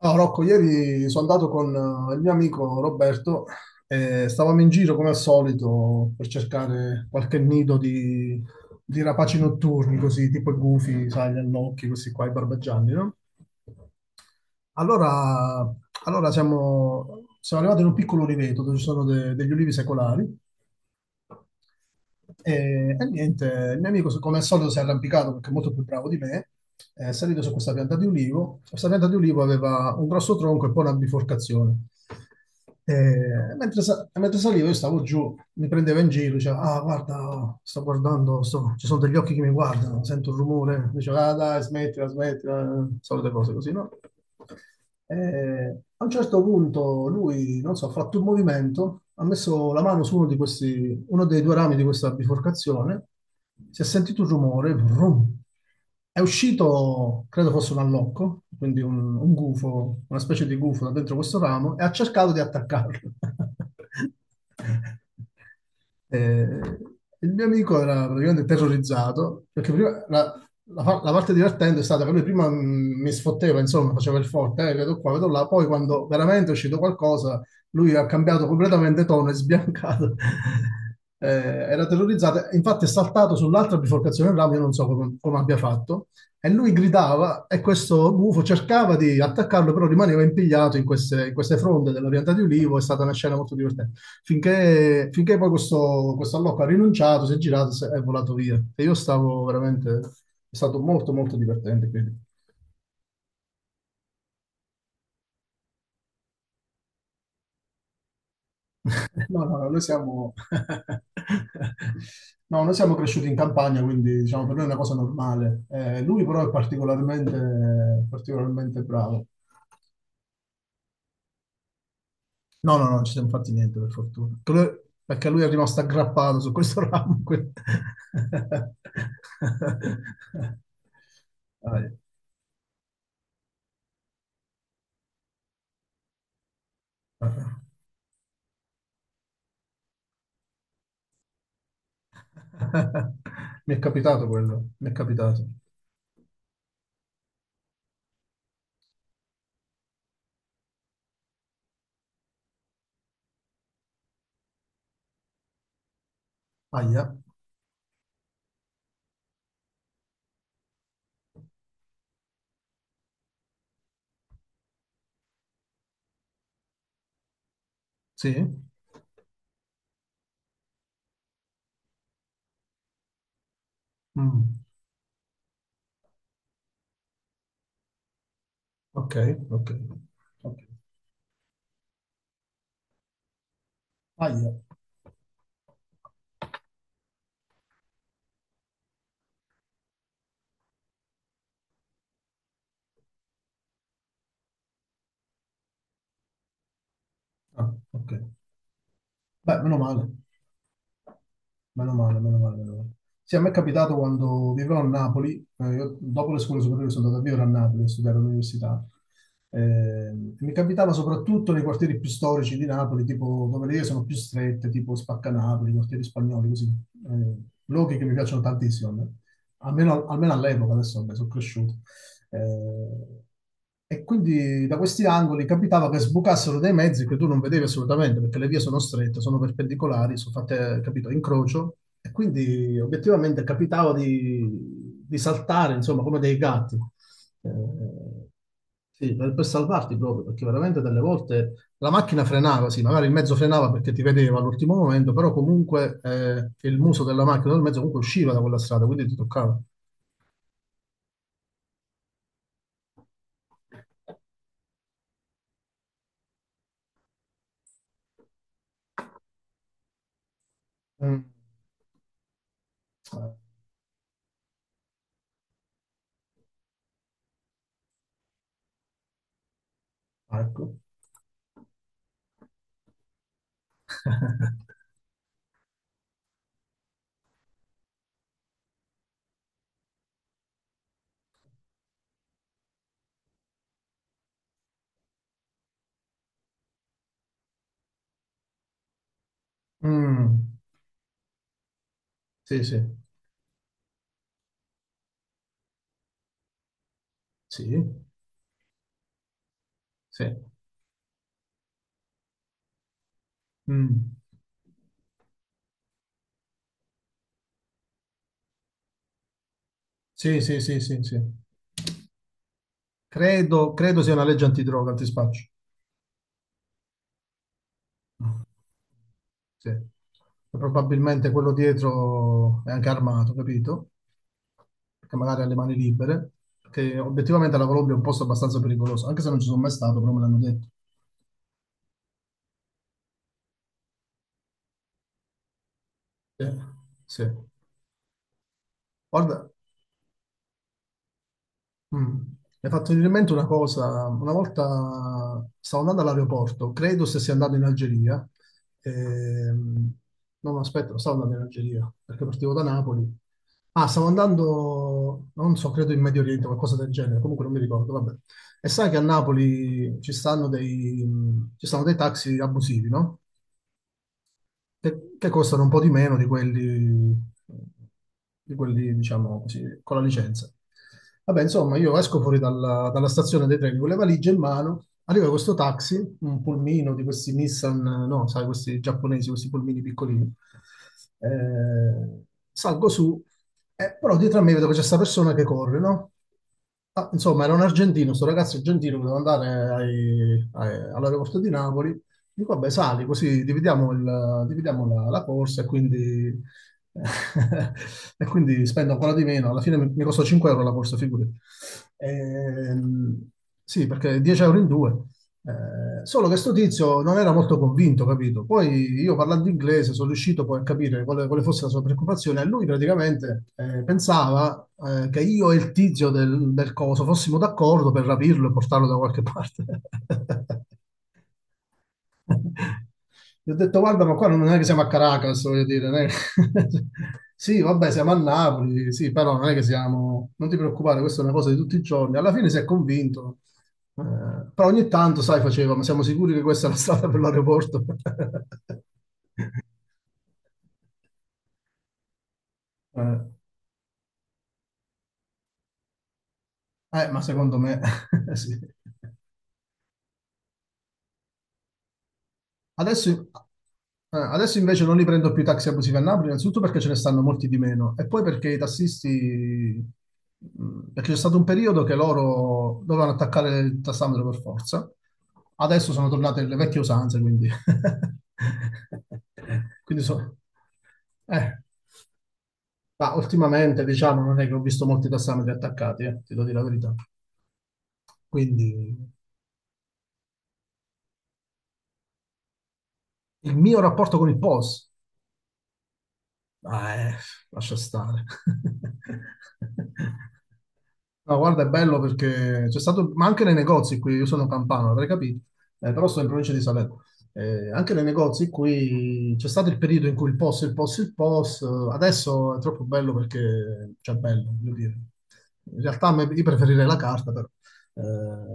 No, Rocco, ieri sono andato con il mio amico Roberto e stavamo in giro come al solito per cercare qualche nido di rapaci notturni, così tipo i gufi, sai, gli allocchi, questi qua, i barbagianni, no? Allora, allora, siamo arrivati in un piccolo oliveto dove ci sono degli ulivi secolari e niente, il mio amico come al solito si è arrampicato perché è molto più bravo di me, è salito su questa pianta di ulivo. Questa pianta di ulivo aveva un grosso tronco e poi una biforcazione. E mentre salivo io stavo giù, mi prendeva in giro, diceva, ah guarda, sto guardando, ci sono degli occhi che mi guardano, sento un rumore, diceva, ah dai, smettila, smettila, solite cose così, no? E a un certo punto lui, non so, ha fatto un movimento, ha messo la mano su uno di questi, uno dei due rami di questa biforcazione, si è sentito un rumore, vrum. È uscito, credo fosse un allocco, quindi un gufo, una specie di gufo da dentro questo ramo, e ha cercato di attaccarlo. Eh, il mio amico era praticamente terrorizzato perché prima la parte divertente è stata che lui prima mi sfotteva, insomma, faceva il forte, vedo qua, vedo là, poi quando veramente è uscito qualcosa, lui ha cambiato completamente tono, è sbiancato. Era terrorizzato, infatti è saltato sull'altra biforcazione del ramo, io non so come abbia fatto, e lui gridava e questo gufo cercava di attaccarlo, però rimaneva impigliato in queste, fronde della pianta di ulivo, è stata una scena molto divertente. Finché poi questo allocco ha rinunciato, si è girato si è volato via. E io stavo veramente. È stato molto, molto divertente, quindi. No, no, no, noi siamo. No, noi siamo cresciuti in campagna, quindi diciamo per noi è una cosa normale. Lui però è particolarmente, particolarmente bravo. No, no, no, non ci siamo fatti niente, per fortuna. Perché lui è rimasto aggrappato su questo ramo, quindi. Dai. Mi è capitato quello, mi è capitato. Aia, sì? Mm, ok, ok, ok. Aia, ah, ok. Beh, meno male. Meno male, meno male, meno male. Sì, a me è capitato quando vivevo a Napoli, io dopo le scuole superiori sono andato a vivere a Napoli, a studiare all'università. Eh, mi capitava soprattutto nei quartieri più storici di Napoli, tipo dove le vie sono più strette, tipo Spaccanapoli, quartieri spagnoli, così. Eh, luoghi che mi piacciono tantissimo, a me. Almeno all'epoca, adesso vabbè, sono cresciuto. Eh, e quindi da questi angoli capitava che sbucassero dei mezzi che tu non vedevi assolutamente, perché le vie sono strette, sono perpendicolari, sono fatte, capito, a incrocio, e quindi obiettivamente capitava di, saltare, insomma, come dei gatti. Eh, sì, per salvarti proprio, perché veramente delle volte la macchina frenava, sì, magari il mezzo frenava perché ti vedeva all'ultimo momento, però comunque il muso della macchina o del mezzo comunque usciva da quella strada, quindi ti toccava. Mm. Eh, Ecco. Mm, sì, sì, sì, sì, Mm. Sì, sì, sì, sì, sì. Credo sia una legge antidroga, antispaccio. Sì. Probabilmente quello dietro è anche armato, capito? Perché magari ha le mani libere, perché obiettivamente la Colombia è un posto abbastanza pericoloso, anche se non ci sono mai stato, però me l'hanno detto. Sì. Sì. Guarda. Mm. Mi è fatto venire in mente una cosa, una volta stavo andando all'aeroporto, credo se sia andato in Algeria, ehm, no, no, aspetta, non stavo andando in Algeria, perché partivo da Napoli, ah, stavo andando, non so, credo in Medio Oriente, qualcosa del genere, comunque non mi ricordo, vabbè. E sai che a Napoli ci stanno dei, taxi abusivi, no? Che costano un po' di meno di quelli, diciamo così, con la licenza. Vabbè, insomma, io esco fuori dalla stazione dei treni con le valigie in mano, arriva questo taxi, un pulmino di questi Nissan, no, sai, questi giapponesi, questi pulmini piccolini. Eh, salgo su, però dietro a me vedo che c'è questa persona che corre, no? Ah, insomma, era un argentino, sto ragazzo argentino che doveva andare all'aeroporto di Napoli. Dico, vabbè, sali, così dividiamo, dividiamo la corsa e quindi, e quindi spendo ancora di meno. Alla fine mi costa 5 euro la corsa, figurati. Ehm, sì, perché 10 euro in due. Solo che sto tizio non era molto convinto, capito? Poi io parlando inglese sono riuscito poi a capire quale fosse la sua preoccupazione. E lui praticamente pensava che io e il tizio del coso fossimo d'accordo per rapirlo e portarlo da qualche parte. Gli ho detto, guarda, ma qua non è che siamo a Caracas, voglio dire. Non è che. Sì, vabbè, siamo a Napoli, sì, però non è che siamo. Non ti preoccupare, questa è una cosa di tutti i giorni. Alla fine si è convinto. Eh, Però ogni tanto, sai, faceva, ma siamo sicuri che questa è la strada per l'aeroporto? Eh, ma secondo me sì. Adesso, adesso, invece non li prendo più i taxi abusivi a Napoli, innanzitutto perché ce ne stanno molti di meno e poi perché i tassisti, perché c'è stato un periodo che loro dovevano attaccare il tassametro per forza, adesso sono tornate le vecchie usanze, quindi. quindi so- eh, ma ultimamente diciamo non è che ho visto molti tassametri attaccati, ti devo dire la verità. Quindi il mio rapporto con il POS. Ah, lascia stare. No, guarda, è bello perché c'è stato, ma anche nei negozi qui, io sono campano, avrei capito, però sto in provincia di Salerno. Anche nei negozi qui c'è stato il periodo in cui il POS, il POS, il POS, adesso è troppo bello perché, cioè, bello, voglio dire. In realtà a me- io preferirei la carta, però. Eh,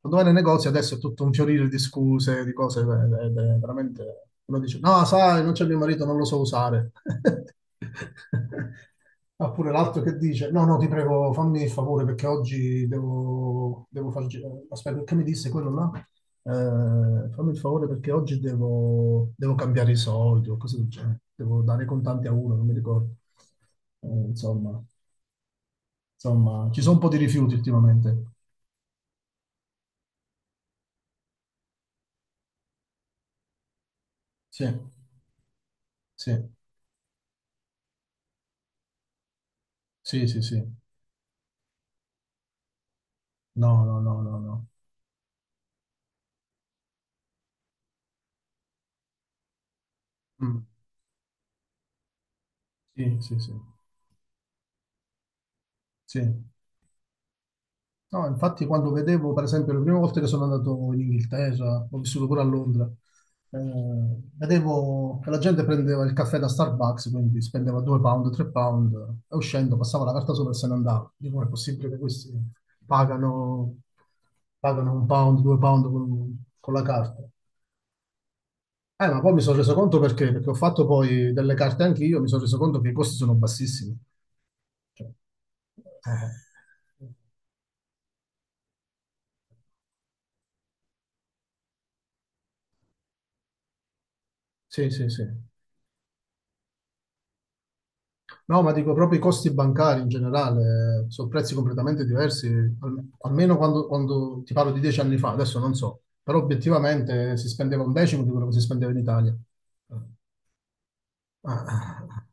quando vai nei negozi adesso è tutto un fiorire di scuse, di cose, ed è veramente. Uno dice, no, sai, non c'è mio marito, non lo so usare. Oppure l'altro che dice, no, no, ti prego, fammi il favore perché oggi devo far. Aspetta, che mi disse quello là? Fammi il favore perché oggi devo, devo cambiare i soldi o cose del genere. Devo dare i contanti a uno, non mi ricordo. Eh, insomma, insomma, ci sono un po' di rifiuti ultimamente. Sì, sì. Sì, sì, sì. No, no, no, no, no. Mm. Sì, sì, sì. Sì. No, infatti quando vedevo, per esempio, le prime volte che sono andato in Inghilterra, ho vissuto pure a Londra, vedevo che la gente prendeva il caffè da Starbucks, quindi spendeva 2 pound, 3 pound, e uscendo passava la carta sopra e se ne andava. Dico, è possibile che questi pagano, pagano, un pound, 2 pound con la carta? Ma poi mi sono reso conto perché ho fatto poi delle carte anche io, mi sono reso conto che i costi sono bassissimi. Eh, Sì, sì, sì. No, ma dico proprio i costi bancari in generale, sono prezzi completamente diversi, almeno quando ti parlo di 10 anni fa, adesso non so, però obiettivamente si spendeva un decimo di quello che si spendeva in Italia. Eh, Ah, ah,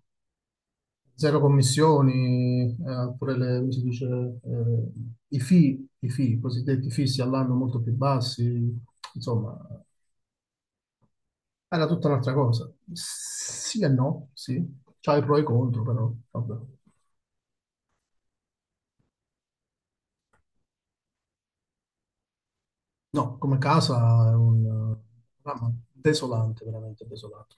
zero commissioni, pure le, come si dice, i fee, i cosiddetti fissi all'anno molto più bassi, insomma. Era tutta un'altra cosa. Sì e no, sì. C'ha i pro e i contro, però vabbè. No, come casa è un programma desolante, veramente desolante.